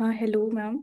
हाँ, hello ma'am.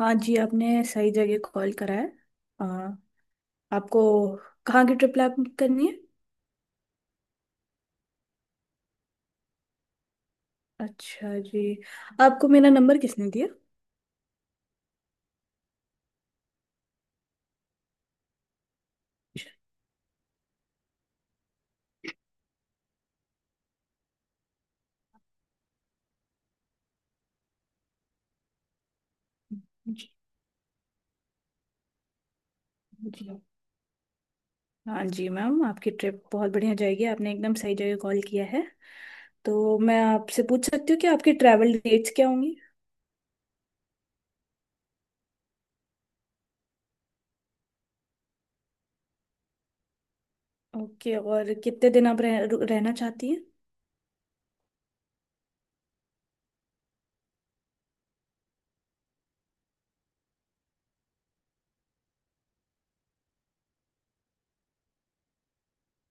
हाँ जी, आपने सही जगह कॉल करा है। हाँ। आपको कहाँ की ट्रिप प्लान करनी है? अच्छा जी। आपको मेरा नंबर किसने दिया? अच्छा, जी जी। हाँ जी मैम, आपकी ट्रिप बहुत बढ़िया जाएगी, आपने एकदम सही जगह कॉल किया है। तो मैं आपसे पूछ सकती हूँ कि आपकी ट्रैवल डेट्स क्या होंगी? ओके, और कितने दिन आप रहना चाहती हैं?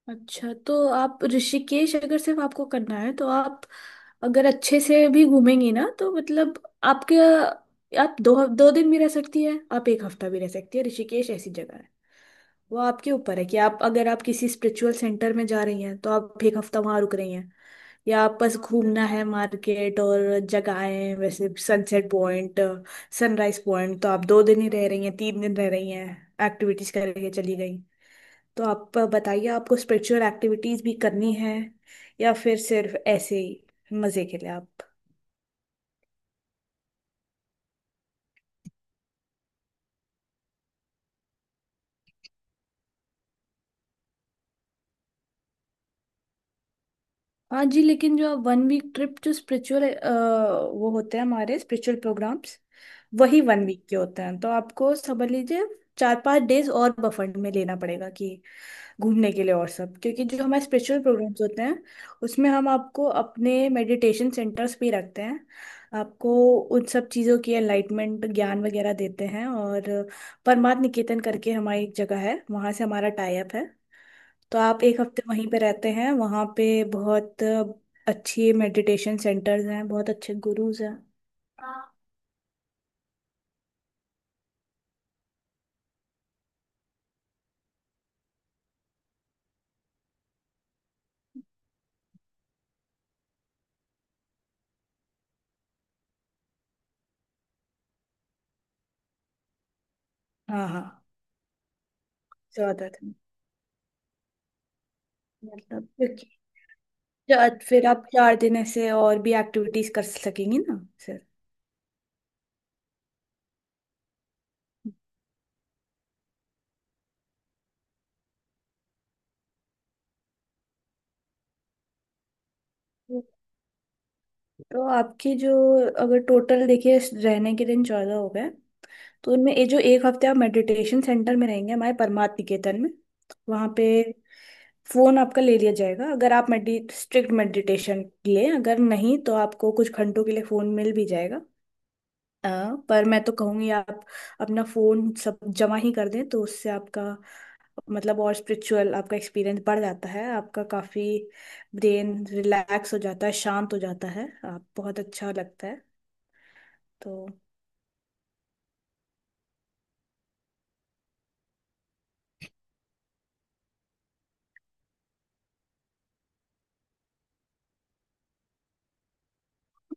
अच्छा, तो आप ऋषिकेश अगर सिर्फ आपको करना है तो आप, अगर अच्छे से भी घूमेंगी ना तो मतलब आपके, आप 2 2 दिन भी रह सकती है, आप एक हफ्ता भी रह सकती है, ऋषिकेश ऐसी जगह है। वो आपके ऊपर है कि आप, अगर आप किसी स्पिरिचुअल सेंटर में जा रही हैं तो आप एक हफ्ता वहां रुक रही हैं, या आप बस घूमना है मार्केट और जगहें, वैसे सनसेट पॉइंट, सनराइज पॉइंट, तो आप 2 दिन ही रह रही हैं, 3 दिन रह रही हैं, एक्टिविटीज करके चली गई। तो आप बताइए, आपको स्पिरिचुअल एक्टिविटीज भी करनी है, या फिर सिर्फ ऐसे ही मजे के लिए आप। हाँ जी, लेकिन जो वन वीक ट्रिप जो स्पिरिचुअल, वो होते हैं हमारे स्पिरिचुअल प्रोग्राम्स, वही वन वीक के होते हैं। तो आपको समझ लीजिए 4 5 डेज और बफर में लेना पड़ेगा कि घूमने के लिए, और सब क्योंकि जो हमारे स्पिरिचुअल प्रोग्राम्स होते हैं उसमें हम आपको अपने मेडिटेशन सेंटर्स भी रखते हैं। आपको उन सब चीज़ों की एनलाइटमेंट, ज्ञान वगैरह देते हैं। और परमार्थ निकेतन करके हमारी एक जगह है, वहाँ से हमारा टाई अप है, तो आप एक हफ्ते वहीं पे रहते हैं। वहाँ पे बहुत अच्छे मेडिटेशन सेंटर्स हैं, बहुत अच्छे गुरुज हैं। हाँ हाँ। स्वागत। मतलब क्योंकि फिर आप 4 दिन ऐसे और भी एक्टिविटीज कर सकेंगी ना सर। तो आपकी जो, अगर टोटल देखिए, रहने के दिन 14 हो गए, तो उनमें ये जो एक हफ्ते आप मेडिटेशन सेंटर में रहेंगे हमारे परमार्थ निकेतन में, वहाँ पे फोन आपका ले लिया जाएगा। अगर आप मेडि स्ट्रिक्ट मेडिटेशन लिए, अगर नहीं तो आपको कुछ घंटों के लिए फोन मिल भी जाएगा। अ, पर मैं तो कहूँगी आप अपना फोन सब जमा ही कर दें, तो उससे आपका मतलब और स्पिरिचुअल आपका एक्सपीरियंस बढ़ जाता है, आपका काफ़ी ब्रेन रिलैक्स हो जाता है, शांत हो जाता है, आप बहुत अच्छा लगता है। तो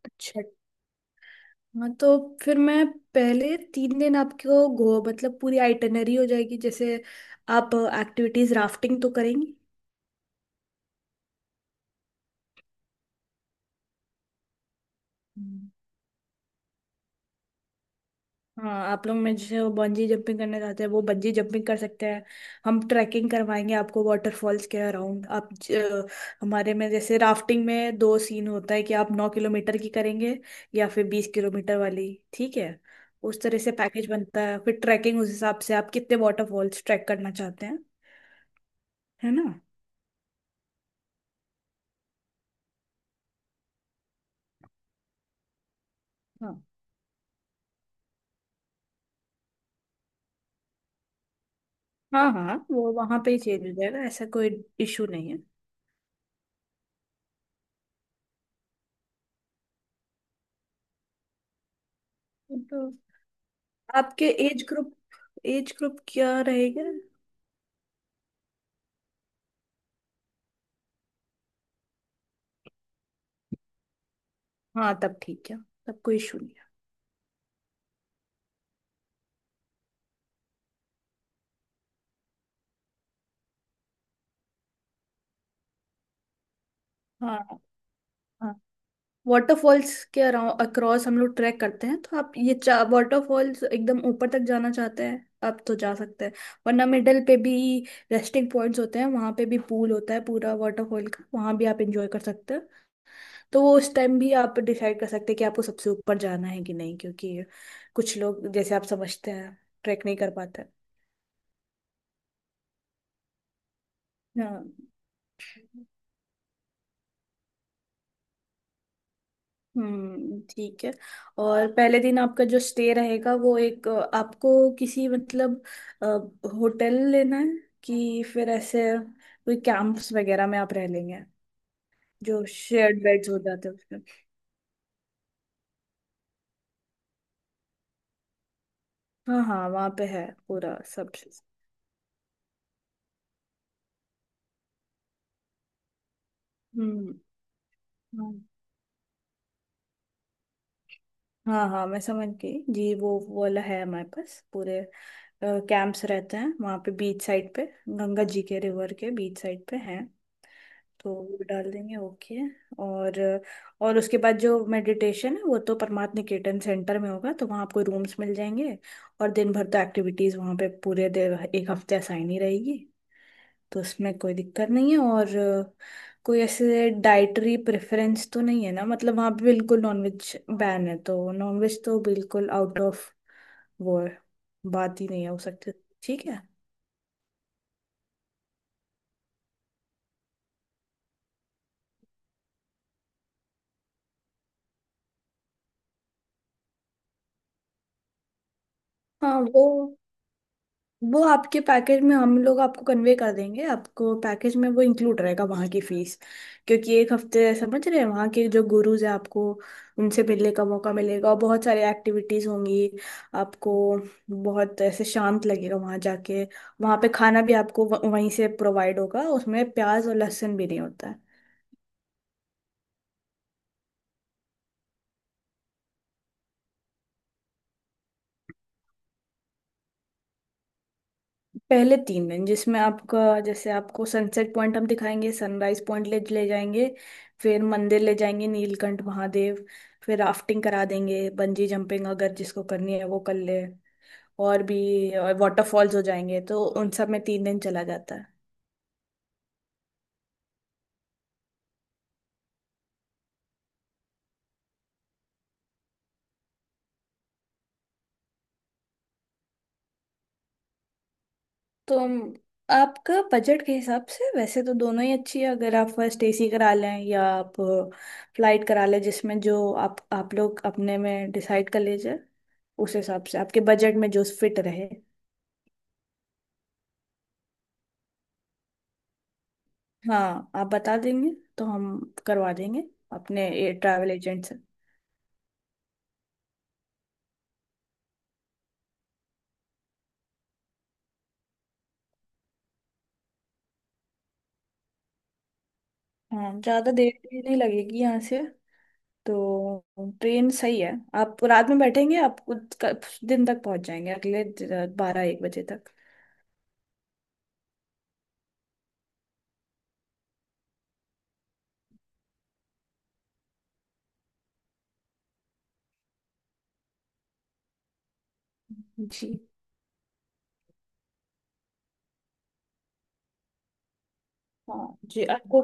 अच्छा। हाँ, तो फिर मैं पहले 3 दिन आपको गो मतलब पूरी आइटनरी हो जाएगी, जैसे आप एक्टिविटीज, राफ्टिंग तो करेंगी। हाँ, आप लोग में जैसे वो बंजी जंपिंग करने जाते हैं वो बंजी जंपिंग कर सकते हैं। हम ट्रैकिंग करवाएंगे आपको वाटरफॉल्स के अराउंड, आप हमारे में जैसे राफ्टिंग में दो सीन होता है कि आप 9 किलोमीटर की करेंगे, या फिर 20 किलोमीटर वाली, ठीक है। उस तरह से पैकेज बनता है। फिर ट्रैकिंग, उस हिसाब से आप कितने वाटरफॉल्स ट्रैक करना चाहते हैं, है ना। हाँ हाँ हाँ, वो वहाँ पे ही चेंज हो जाएगा, ऐसा कोई इशू नहीं है। तो आपके एज ग्रुप, एज ग्रुप क्या रहेगा? हाँ तब ठीक है, तब कोई इशू नहीं है। हाँ हाँ, वाटरफॉल्स के अराउंड अक्रॉस हम लोग ट्रैक करते हैं, तो आप ये चा वाटरफॉल्स एकदम ऊपर तक जाना चाहते हैं आप, तो जा सकते हैं, वरना मिडल पे भी रेस्टिंग पॉइंट्स होते हैं, वहाँ पे भी पूल होता है पूरा वाटरफॉल का, वहाँ भी आप इंजॉय कर सकते हैं। तो वो उस टाइम भी आप डिसाइड कर सकते हैं कि आपको सबसे ऊपर जाना है कि नहीं, क्योंकि कुछ लोग, जैसे आप समझते हैं, ट्रैक नहीं कर पाते। हाँ। हम्म, ठीक है। और पहले दिन आपका जो स्टे रहेगा, वो एक आपको किसी मतलब होटल लेना है, कि फिर ऐसे कोई कैंप्स वगैरह में आप रह लेंगे जो शेयर्ड बेड्स हो जाते हैं उसमें। हाँ हाँ, वहाँ पे है पूरा सब चीज। हम्म। हाँ। हाँ हाँ, मैं समझ गई जी, वो वाला है, हमारे पास पूरे कैंप्स रहते हैं वहाँ पे, बीच साइड पे गंगा जी के रिवर के बीच साइड पे हैं, तो वो डाल देंगे, ओके। और और उसके बाद जो मेडिटेशन है वो तो परमार्थ निकेतन सेंटर में होगा, तो वहाँ आपको रूम्स मिल जाएंगे। और दिन भर तो एक्टिविटीज़ वहाँ पे पूरे देर एक हफ्ते असाइन ही रहेगी, तो उसमें कोई दिक्कत नहीं है। और कोई ऐसे डाइटरी प्रेफरेंस तो नहीं है ना, मतलब वहाँ पे बिल्कुल नॉनवेज बैन है, तो नॉनवेज तो बिल्कुल आउट ऑफ, वो है, बात ही नहीं हो सकती, ठीक है। हाँ, वो आपके पैकेज में हम लोग आपको कन्वे कर देंगे, आपको पैकेज में वो इंक्लूड रहेगा वहाँ की फीस, क्योंकि एक हफ्ते समझ रहे हैं वहाँ के जो गुरुज हैं आपको उनसे मिलने का मौका मिलेगा और बहुत सारी एक्टिविटीज़ होंगी, आपको बहुत ऐसे शांत लगेगा वहाँ जाके। वहाँ पे खाना भी आपको वहीं से प्रोवाइड होगा, उसमें प्याज और लहसुन भी नहीं होता है। पहले तीन दिन जिसमें आपका, जैसे आपको सनसेट पॉइंट हम दिखाएंगे, सनराइज पॉइंट ले ले जाएंगे, फिर मंदिर ले जाएंगे नीलकंठ महादेव, फिर राफ्टिंग करा देंगे, बंजी जंपिंग अगर जिसको करनी है वो कर ले, और भी, और वाटरफॉल्स हो जाएंगे, तो उन सब में 3 दिन चला जाता है। तो हम- आपका बजट के हिसाब से वैसे तो दोनों ही अच्छी है, अगर आप फर्स्ट एसी करा लें, या आप फ्लाइट करा लें, जिसमें जो आप लोग अपने में डिसाइड कर लीजिए, उस हिसाब से आपके बजट में जो फिट रहे। हाँ, आप बता देंगे तो हम करवा देंगे अपने ये ट्रैवल एजेंट से। हाँ, ज़्यादा देर भी नहीं लगेगी यहाँ से, तो ट्रेन सही है, आप रात में बैठेंगे, आप कुछ कुछ दिन तक पहुँच जाएंगे अगले 12 1 बजे तक। जी। हाँ जी, आपको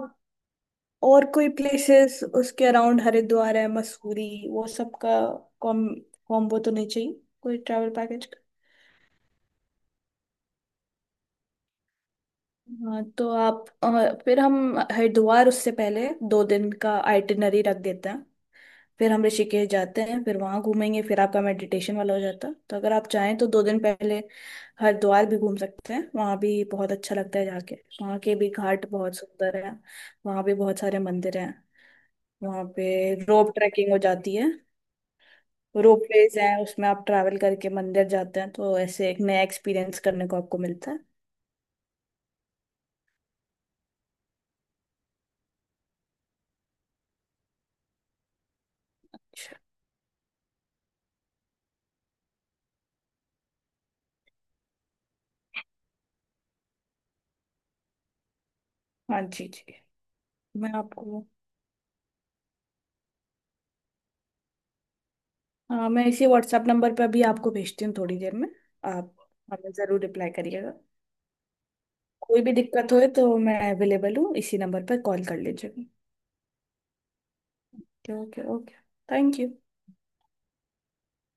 और कोई प्लेसेस उसके अराउंड, हरिद्वार है, मसूरी, वो सब का कॉम कॉम्बो तो नहीं चाहिए कोई ट्रैवल पैकेज? हाँ तो आप, फिर हम हरिद्वार उससे पहले 2 दिन का आइटिनरी रख देते हैं, फिर हम ऋषिकेश जाते हैं, फिर वहां घूमेंगे, फिर आपका मेडिटेशन वाला हो जाता है। तो अगर आप चाहें तो 2 दिन पहले हरिद्वार भी घूम सकते हैं, वहां भी बहुत अच्छा लगता है जाके, वहां के भी घाट बहुत सुंदर है, वहां भी बहुत सारे मंदिर हैं, वहां पे रोप ट्रैकिंग हो जाती है, रोप वेज है, उसमें आप ट्रैवल करके मंदिर जाते हैं, तो ऐसे एक नया एक्सपीरियंस करने को आपको मिलता है। अच्छा। हाँ जी जी, मैं आपको, हाँ मैं इसी व्हाट्सएप नंबर पे अभी आपको भेजती हूँ थोड़ी देर में। आप हमें ज़रूर रिप्लाई करिएगा, कोई भी दिक्कत होए तो मैं अवेलेबल हूँ इसी नंबर पर कॉल कर लीजिएगा। Okay okay okay, thank you.